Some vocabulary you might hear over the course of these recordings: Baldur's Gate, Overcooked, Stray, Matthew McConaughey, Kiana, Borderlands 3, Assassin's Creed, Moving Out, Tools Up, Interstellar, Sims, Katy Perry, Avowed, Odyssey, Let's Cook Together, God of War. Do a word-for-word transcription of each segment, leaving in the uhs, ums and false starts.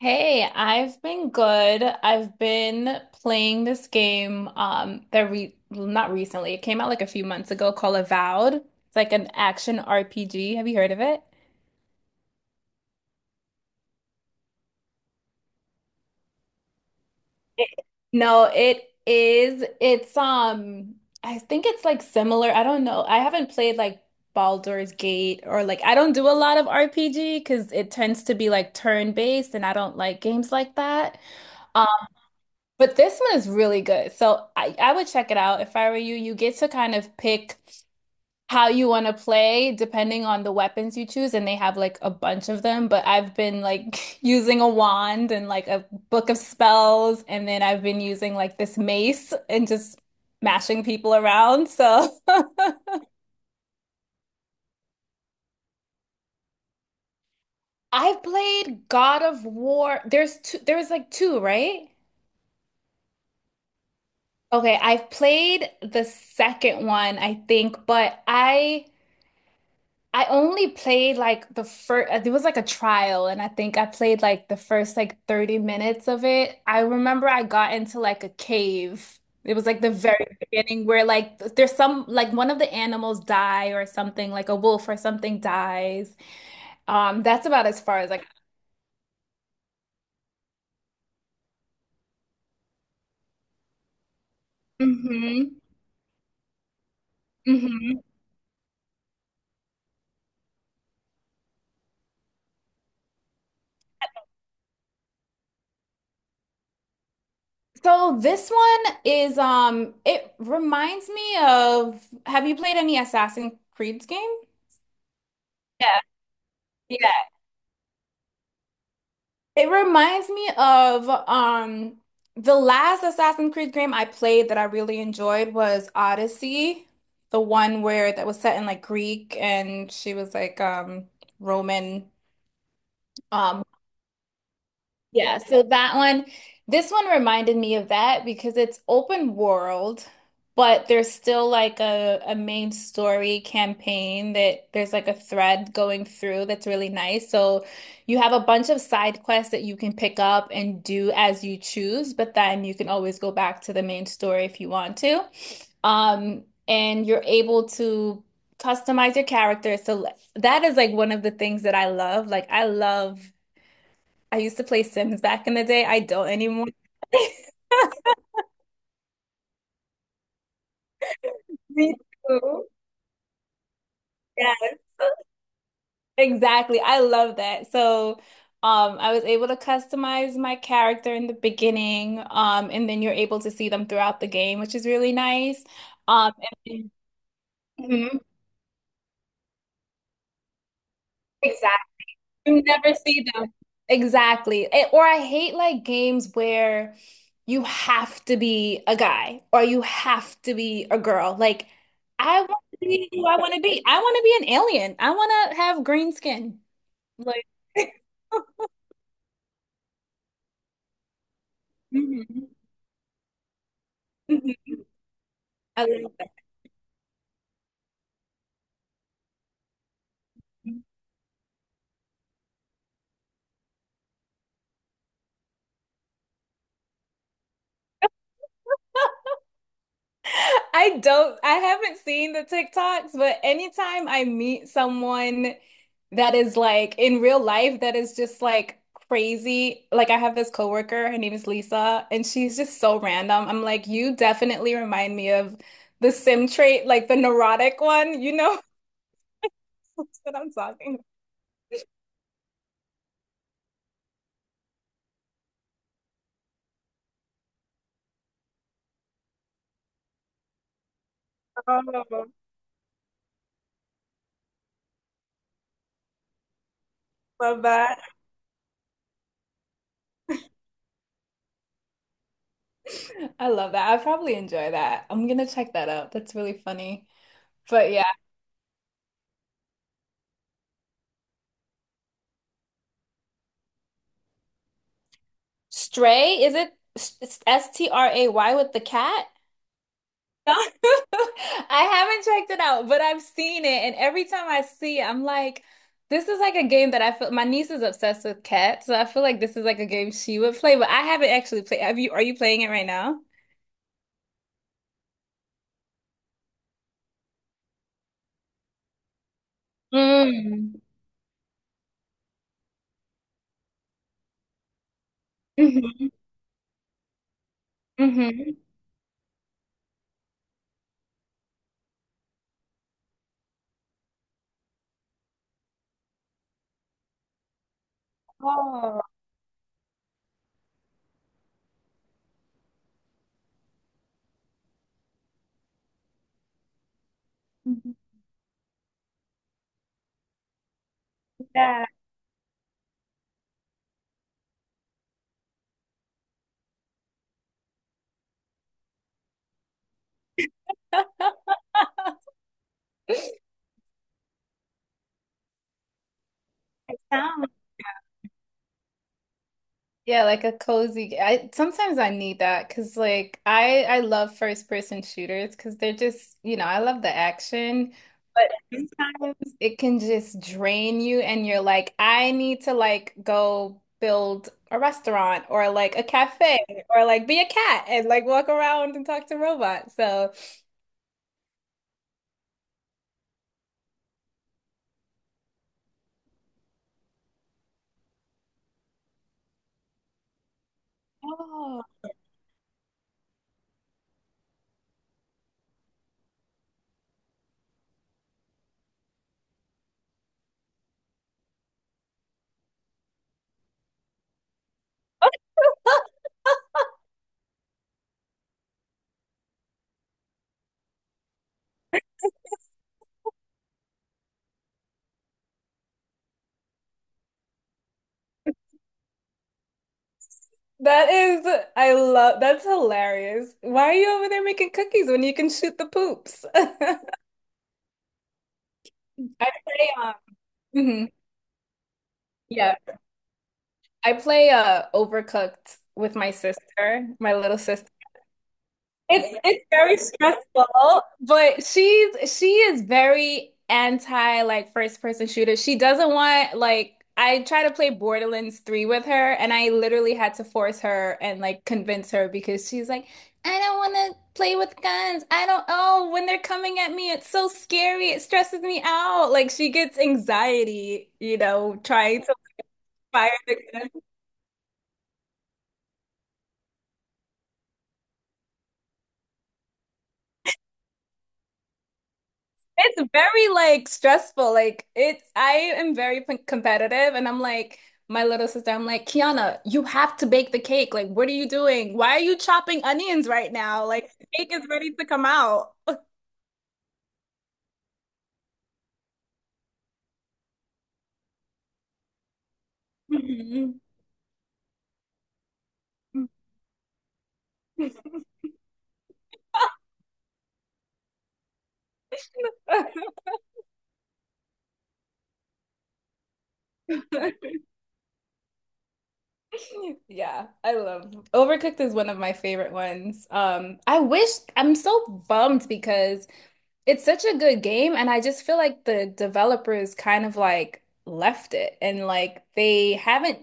Hey, I've been good. I've been playing this game um that re well, not recently. It came out like a few months ago called Avowed. It's like an action R P G. Have you heard of it? It- No, it is. It's um I think it's like similar. I don't know. I haven't played like Baldur's Gate, or like I don't do a lot of R P G because it tends to be like turn-based and I don't like games like that. But this one is really good. So I, I would check it out if I were you. You get to kind of pick how you want to play depending on the weapons you choose, and they have like a bunch of them. But I've been like using a wand and like a book of spells, and then I've been using like this mace and just mashing people around. So I've played God of War. There's two, there was like two, right? Okay, I've played the second one, I think, but I I only played like the first, it was like a trial, and I think I played like the first like thirty minutes of it. I remember I got into like a cave. It was like the very beginning where like there's some like one of the animals die or something, like a wolf or something dies. Um, that's about as far as like hmm. Hmm. So this one is um it reminds me of, have you played any Assassin's Creed game? Yeah. It reminds me of um the last Assassin's Creed game I played that I really enjoyed was Odyssey, the one where that was set in like Greek and she was like um Roman, um yeah, so that one, this one reminded me of that because it's open world, but there's still like a, a main story campaign that there's like a thread going through that's really nice. So you have a bunch of side quests that you can pick up and do as you choose, but then you can always go back to the main story if you want to. Um, and you're able to customize your character. So that is like one of the things that I love. Like I love. I used to play Sims back in the day. I don't anymore. Me too. Yes. Exactly. I love that. So, um, I was able to customize my character in the beginning, um, and then you're able to see them throughout the game, which is really nice. Um, and- Mhm. Exactly. You never see them. Exactly. Eh, or I hate like games where you have to be a guy or you have to be a girl. Like, I want to be who I want to be. I want to be an alien. I want to have green skin. Like, mhm. Mhm. I love that. I don't, I haven't seen the TikToks, but anytime I meet someone that is like in real life, that is just like crazy. Like I have this coworker, her name is Lisa, and she's just so random. I'm like, you definitely remind me of the sim trait, like the neurotic one, you know what I'm talking about. Love that. I love that. I probably enjoy that. I'm gonna check that out. That's really funny. But yeah. Stray? Is it S S T R A Y with the cat? I haven't checked it out, but I've seen it, and every time I see it, I'm like, this is like a game that I feel my niece is obsessed with cats, so I feel like this is like a game she would play, but I haven't actually played. Have you, are you playing it right now? Mm. Hmm. Hmm. Oh, yeah. Yeah, like a cozy. I sometimes I need that because like I I love first person shooters because they're just, you know, I love the action, but sometimes it can just drain you and you're like, I need to like go build a restaurant or like a cafe or like be a cat and like walk around and talk to robots. So Oh. that is, I love, that's hilarious. Why are you over there making cookies when you can shoot the poops? I pray on. Yeah, I play uh Overcooked with my sister, my little sister. It's it's very stressful, but she's she is very anti like first person shooter. She doesn't want like I try to play Borderlands three with her and I literally had to force her and like convince her because she's like, I don't want to play with guns. I don't, oh, when they're coming at me, it's so scary. It stresses me out. Like she gets anxiety, you know, trying to fire the gun. It's very like stressful. Like it's, I am very p competitive and I'm like, my little sister, I'm like, Kiana, you have to bake the cake. Like, what are you doing? Why are you chopping onions right now? Like the cake is ready to come out. Mhm. Yeah, I love Overcooked is one of my favorite ones. Um, I wish, I'm so bummed because it's such a good game, and I just feel like the developers kind of like left it and like they haven't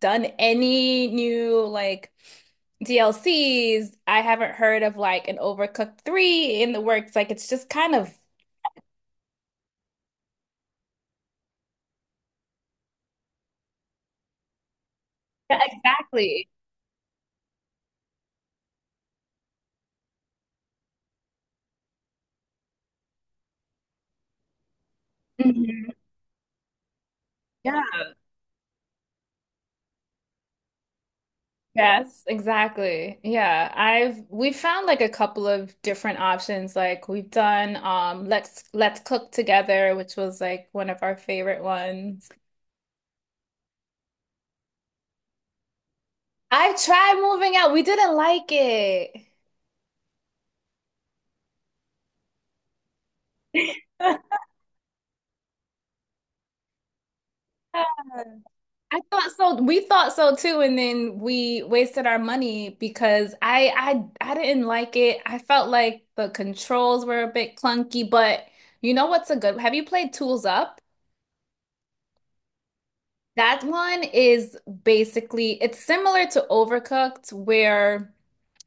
done any new like D L Cs. I haven't heard of like an Overcooked three in the works. Like it's just kind of, yeah, exactly. Mhm. Yeah. Yes, exactly. Yeah, I've we found like a couple of different options. Like we've done um Let's Let's Cook Together, which was like one of our favorite ones. I tried Moving Out. We didn't like it. I thought so. We thought so too, and then we wasted our money because I I I didn't like it. I felt like the controls were a bit clunky, but you know what's a good? Have you played Tools Up? That one is basically it's similar to Overcooked where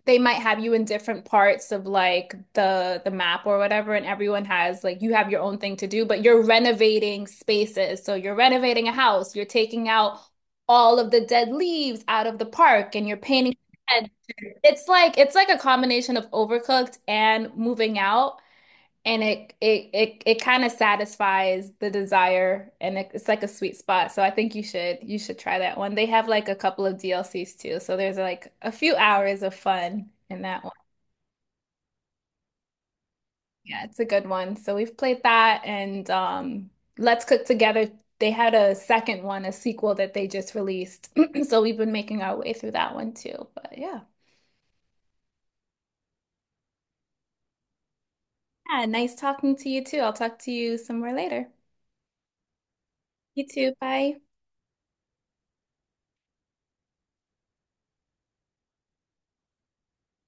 they might have you in different parts of like the the map or whatever, and everyone has like, you have your own thing to do, but you're renovating spaces. So you're renovating a house, you're taking out all of the dead leaves out of the park and you're painting. It's like, it's like a combination of Overcooked and Moving Out. And it it it it kind of satisfies the desire and it, it's like a sweet spot. So I think you should you should try that one. They have like a couple of D L Cs too. So there's like a few hours of fun in that one. Yeah, it's a good one. So we've played that and um Let's Cook Together. They had a second one, a sequel that they just released. So we've been making our way through that one too. But yeah. Yeah, nice talking to you too. I'll talk to you some more later. You too. Bye.